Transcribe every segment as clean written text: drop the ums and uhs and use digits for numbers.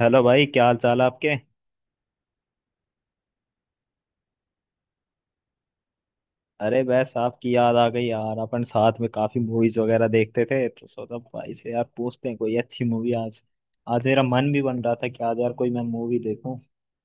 Hello भाई, क्या हाल चाल है आपके। अरे बस आपकी याद आ गई यार। अपन साथ में काफी मूवीज वगैरह देखते थे तो सोचा भाई से यार पूछते हैं कोई अच्छी मूवी आज। आज मेरा मन भी बन रहा था कि आज यार कोई मैं मूवी देखूं।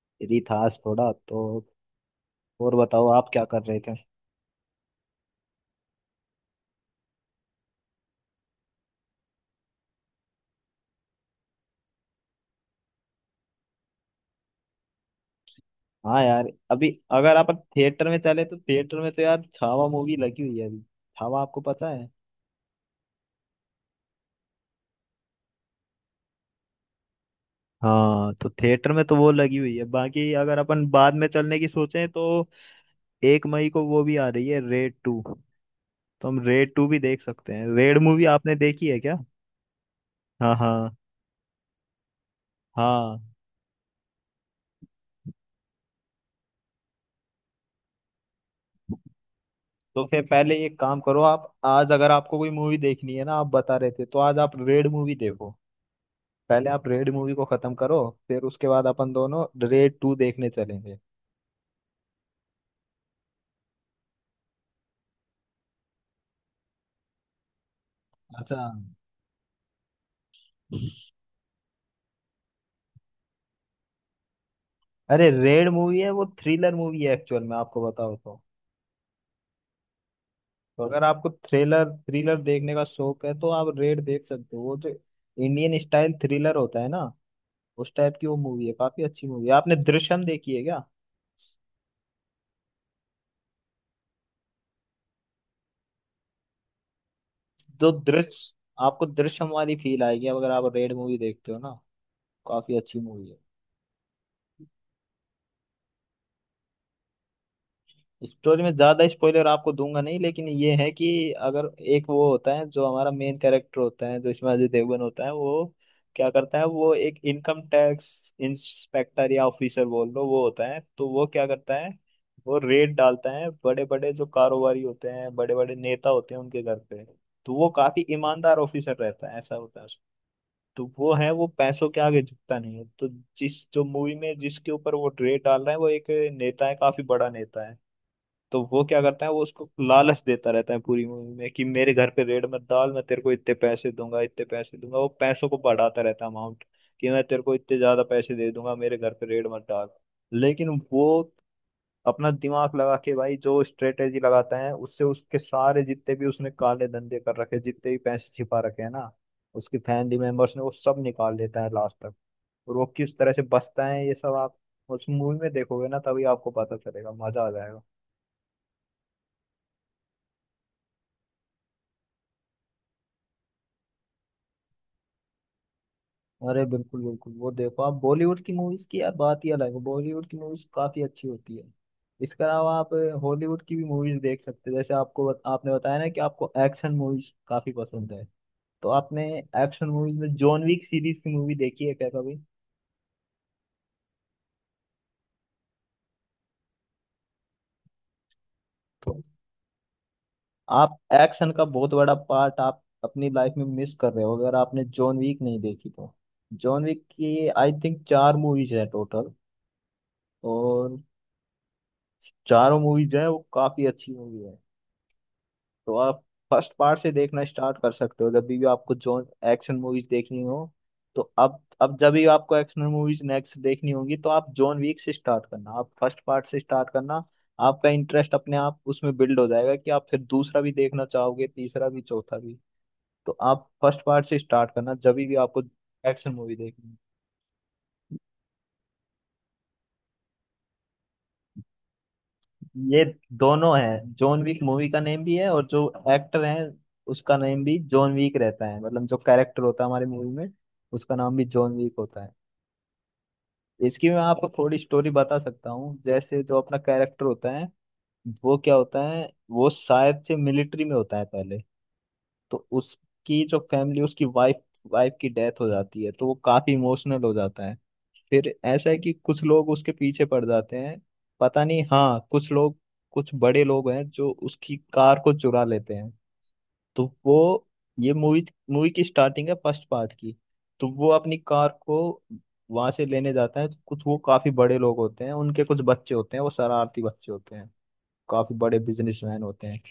फ्री था आज थोड़ा तो। और बताओ आप क्या कर रहे थे। हाँ यार, अभी अगर आप थिएटर में चले तो थिएटर में तो यार छावा मूवी लगी हुई है अभी। छावा आपको पता है। हाँ, तो थिएटर में तो वो लगी हुई है। बाकी अगर अपन बाद में चलने की सोचें तो 1 मई को वो भी आ रही है रेड टू। तो हम रेड टू भी देख सकते हैं। रेड मूवी आपने देखी है क्या। हाँ, हाँ, हाँ। तो फिर पहले एक काम करो, आप आज अगर आपको कोई मूवी देखनी है ना, आप बता रहे थे तो आज आप रेड मूवी देखो। पहले आप रेड मूवी को खत्म करो। फिर उसके बाद अपन दोनों रेड टू देखने चलेंगे। अच्छा। अरे रेड मूवी है वो थ्रिलर मूवी है एक्चुअल में, आपको बताओ तो। तो अगर आपको थ्रिलर थ्रिलर देखने का शौक है तो आप रेड देख सकते हो। वो जो इंडियन स्टाइल थ्रिलर होता है ना, उस टाइप की वो मूवी है। काफी अच्छी मूवी है। आपने दृश्यम देखी है क्या। तो दृश्य आपको दृश्यम वाली फील आएगी अब अगर आप रेड मूवी देखते हो ना। काफी अच्छी मूवी है। स्टोरी में ज्यादा स्पॉइलर आपको दूंगा नहीं, लेकिन ये है कि अगर एक वो होता है जो हमारा मेन कैरेक्टर होता है, जो इसमें अजय देवगन होता है, वो क्या करता है वो एक इनकम टैक्स इंस्पेक्टर या ऑफिसर बोल लो वो होता है। तो वो क्या करता है वो रेड डालता है बड़े बड़े जो कारोबारी होते हैं, बड़े बड़े नेता होते हैं, उनके घर पे। तो वो काफी ईमानदार ऑफिसर रहता है, ऐसा होता है। तो वो है वो पैसों के आगे झुकता नहीं है। तो जिस जो मूवी में जिसके ऊपर वो रेड डाल रहा है वो एक नेता है, काफी बड़ा नेता है। तो वो क्या करता है वो उसको लालच देता रहता है पूरी मूवी में कि मेरे घर पे रेड मत डाल, मैं तेरे को इतने पैसे दूंगा, इतने पैसे दूंगा। वो पैसों को बढ़ाता रहता है अमाउंट कि मैं तेरे को इतने ज्यादा पैसे दे दूंगा, मेरे घर पे रेड मत डाल। लेकिन वो अपना दिमाग लगा के भाई जो स्ट्रेटेजी लगाता है उससे उसके सारे जितने भी उसने काले धंधे कर रखे, जितने भी पैसे छिपा रखे हैं ना उसकी फैमिली मेंबर्स ने, वो सब निकाल लेता है लास्ट तक। और वो किस तरह से बचता है ये सब आप उस मूवी में देखोगे ना तभी आपको पता चलेगा, मजा आ जाएगा। अरे बिल्कुल, बिल्कुल, वो देखो आप बॉलीवुड की मूवीज की यार बात ही अलग है। बॉलीवुड की मूवीज काफी अच्छी होती है। इसके अलावा आप हॉलीवुड की भी मूवीज देख सकते हैं। जैसे आपको आपने बताया ना कि आपको एक्शन मूवीज काफी पसंद है। तो आपने एक्शन मूवीज में जॉन विक सीरीज की मूवी देखी है क्या कभी। तो आप एक्शन का बहुत बड़ा पार्ट आप अपनी लाइफ में मिस कर रहे हो अगर आपने जॉन विक नहीं देखी तो। जॉन विक की आई थिंक चार मूवीज है टोटल। और चारों मूवीज जो है वो काफी अच्छी मूवी है। तो आप फर्स्ट पार्ट से देखना स्टार्ट कर सकते हो जब भी आपको जो एक्शन मूवीज देखनी हो। तो अब जब भी आपको एक्शन मूवीज नेक्स्ट देखनी होगी तो आप जॉन वीक से स्टार्ट करना, आप फर्स्ट पार्ट से स्टार्ट करना। आपका इंटरेस्ट अपने आप उसमें बिल्ड हो जाएगा कि आप फिर दूसरा भी देखना चाहोगे, तीसरा भी, चौथा भी। तो आप फर्स्ट पार्ट से स्टार्ट करना जब भी आपको एक्शन मूवी देखनी हो। ये दोनों है। जॉन विक मूवी का नेम भी है और जो एक्टर है उसका नेम भी जॉन विक रहता है। मतलब जो कैरेक्टर होता है हमारी मूवी में उसका नाम भी जॉन विक होता है। इसकी मैं आपको थोड़ी स्टोरी बता सकता हूँ। जैसे जो अपना कैरेक्टर होता है वो क्या होता है वो शायद से मिलिट्री में होता है पहले। तो उसकी जो फैमिली, उसकी वाइफ वाइफ की डेथ हो जाती है तो वो काफी इमोशनल हो जाता है। फिर ऐसा है कि कुछ लोग उसके पीछे पड़ जाते हैं। पता नहीं, हाँ कुछ लोग, कुछ बड़े लोग हैं जो उसकी कार को चुरा लेते हैं। तो वो, ये मूवी मूवी की स्टार्टिंग है फर्स्ट पार्ट की। तो वो अपनी कार को वहां से लेने जाता है। कुछ वो काफी बड़े लोग होते हैं, उनके कुछ बच्चे होते हैं, वो शरारती बच्चे होते हैं, काफी बड़े बिजनेसमैन होते हैं।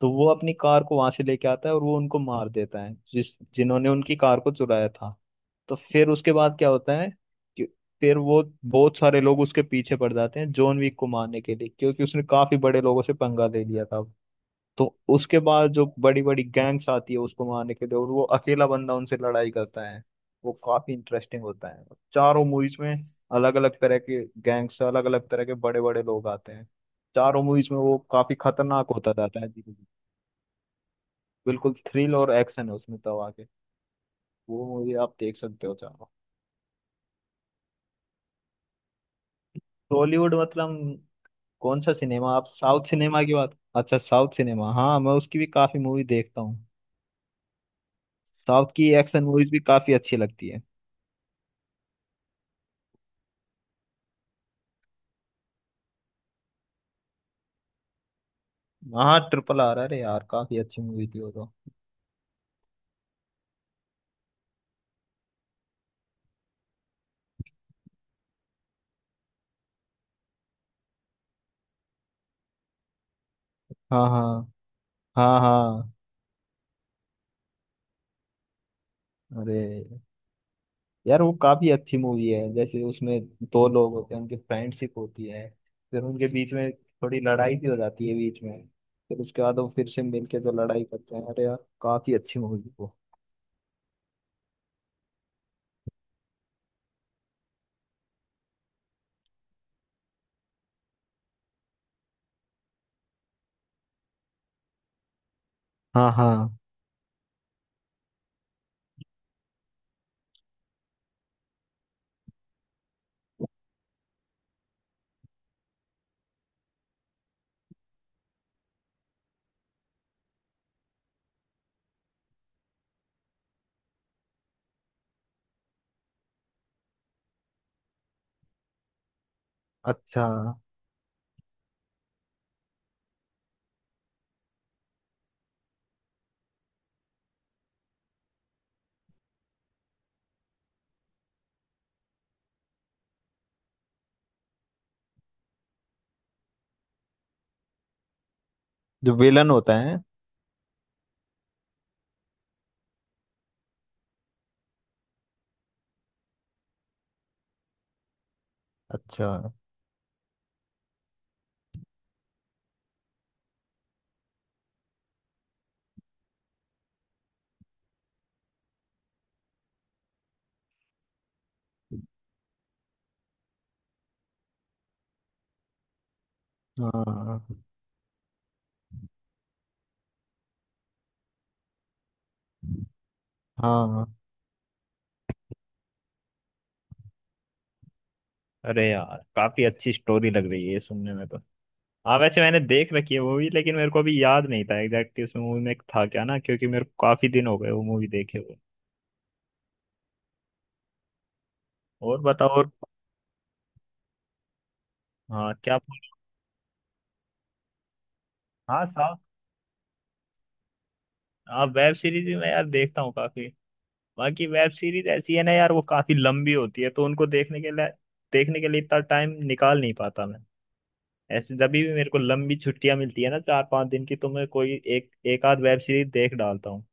तो वो अपनी कार को वहां से लेके आता है और वो उनको मार देता है जिस जिन्होंने उनकी कार को चुराया था। तो फिर उसके बाद क्या होता है कि फिर वो बहुत सारे लोग उसके पीछे पड़ जाते हैं जॉन विक को मारने के लिए, क्योंकि उसने काफी बड़े लोगों से पंगा ले लिया था। तो उसके बाद जो बड़ी बड़ी गैंग्स आती है उसको मारने के लिए और वो अकेला बंदा उनसे लड़ाई करता है, वो काफी इंटरेस्टिंग होता है। चारों मूवीज में अलग अलग तरह के गैंग्स, अलग अलग तरह के बड़े बड़े लोग आते हैं। चारों मूवीज में वो काफी खतरनाक होता जाता है धीरे धीरे। बिल्कुल थ्रिल और एक्शन है उसमें, तब आके वो मूवी आप देख सकते हो चारों। टॉलीवुड मतलब कौन सा सिनेमा, आप साउथ सिनेमा की बात। अच्छा साउथ सिनेमा, हाँ मैं उसकी भी काफी मूवी देखता हूँ। साउथ की एक्शन मूवीज भी काफी अच्छी लगती है। हाँ ट्रिपल आर, अरे यार काफी अच्छी मूवी थी वो तो। हाँ, हाँ। हाँ, हाँ। अरे यार वो काफी अच्छी मूवी है। जैसे उसमें दो लोग होते हैं, उनकी फ्रेंडशिप होती है, फिर उनके बीच में थोड़ी लड़ाई भी हो जाती है बीच में। फिर उसके बाद वो फिर से मिलके जो लड़ाई करते हैं, अरे यार काफी अच्छी मूवी थी वो। हाँ, हाँ। अच्छा। जो विलन होता है। अच्छा। हाँ, हाँ। अरे यार काफी अच्छी स्टोरी लग रही है ये सुनने में तो। हाँ वैसे मैंने देख रखी है मूवी, लेकिन मेरे को अभी याद नहीं था एग्जैक्टली उसमें मूवी में था क्या ना, क्योंकि मेरे को काफी दिन हो गए वो मूवी देखे हुए। और बताओ और। हाँ क्या पूछ। हाँ साउथ। हाँ, वेब सीरीज भी मैं यार देखता हूँ काफी। बाकी वेब सीरीज ऐसी है ना यार वो काफी लंबी होती है तो उनको देखने के लिए, इतना टाइम निकाल नहीं पाता मैं। ऐसे जब भी मेरे को लंबी छुट्टियां मिलती है ना, 4-5 दिन की, तो मैं कोई एक एक आध वेब सीरीज देख डालता हूँ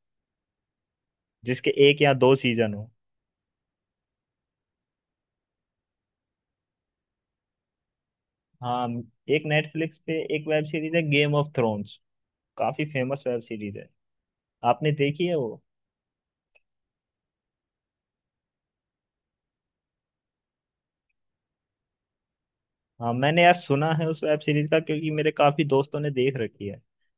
जिसके एक या दो सीजन हो। हाँ, एक नेटफ्लिक्स पे एक वेब सीरीज है गेम ऑफ थ्रोन्स, काफी फेमस वेब सीरीज है। आपने देखी है वो। हाँ मैंने यार सुना है उस वेब सीरीज का क्योंकि मेरे काफी दोस्तों ने देख रखी है।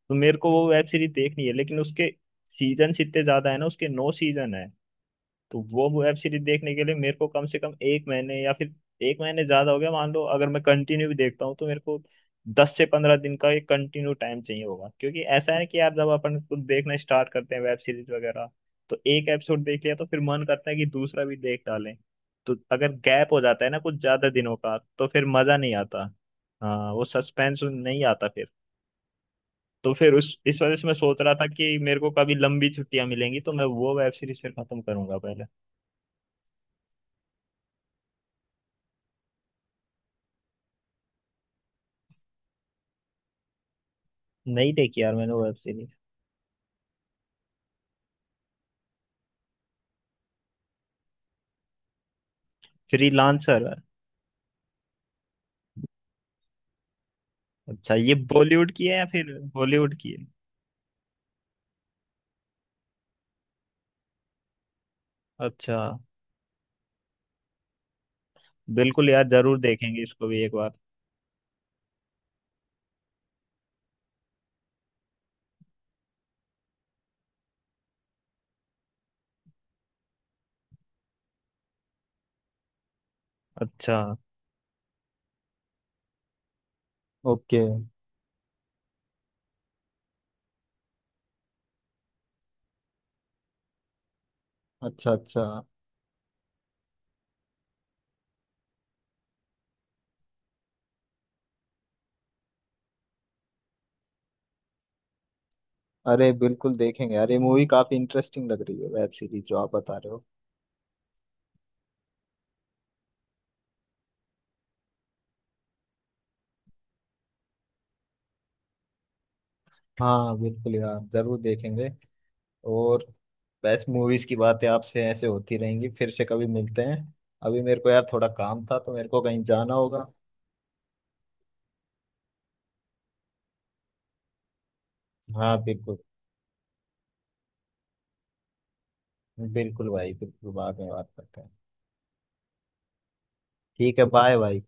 तो मेरे को वो वेब सीरीज देखनी है, लेकिन उसके सीजन इतने ज्यादा है ना, उसके नौ सीजन है। तो वो वेब सीरीज देखने के लिए मेरे को कम से कम एक महीने, या फिर एक महीने ज्यादा हो गया मान लो अगर मैं कंटिन्यू भी देखता हूँ, तो मेरे को 10 से 15 दिन का एक कंटिन्यू टाइम चाहिए होगा। क्योंकि ऐसा है कि यार जब अपन कुछ देखना स्टार्ट करते हैं वेब सीरीज वगैरह, तो एक एपिसोड देख लिया तो फिर मन करता है कि दूसरा भी देख डालें। तो अगर गैप हो जाता है ना कुछ ज्यादा दिनों का, तो फिर मजा नहीं आता। हाँ, वो सस्पेंस नहीं आता फिर। तो फिर उस इस वजह से मैं सोच रहा था कि मेरे को कभी लंबी छुट्टियां मिलेंगी तो मैं वो वेब सीरीज फिर खत्म करूंगा पहले। नहीं देखी यार मैंने वेब सीरीज। फ्रीलांसर, अच्छा ये बॉलीवुड की है या फिर बॉलीवुड की है। अच्छा, बिल्कुल यार जरूर देखेंगे इसको भी एक बार। अच्छा। ओके। अच्छा, अच्छा। अरे बिल्कुल देखेंगे यार, ये मूवी काफी इंटरेस्टिंग लग रही है वेब सीरीज जो आप बता रहे हो। हाँ बिल्कुल यार जरूर देखेंगे। और बेस्ट मूवीज की बातें आपसे ऐसे होती रहेंगी, फिर से कभी मिलते हैं। अभी मेरे को यार थोड़ा काम था तो मेरे को कहीं जाना होगा। हाँ बिल्कुल। बिल्कुल भाई, बिल्कुल बाद में बात करते हैं। ठीक है, बाय भाई।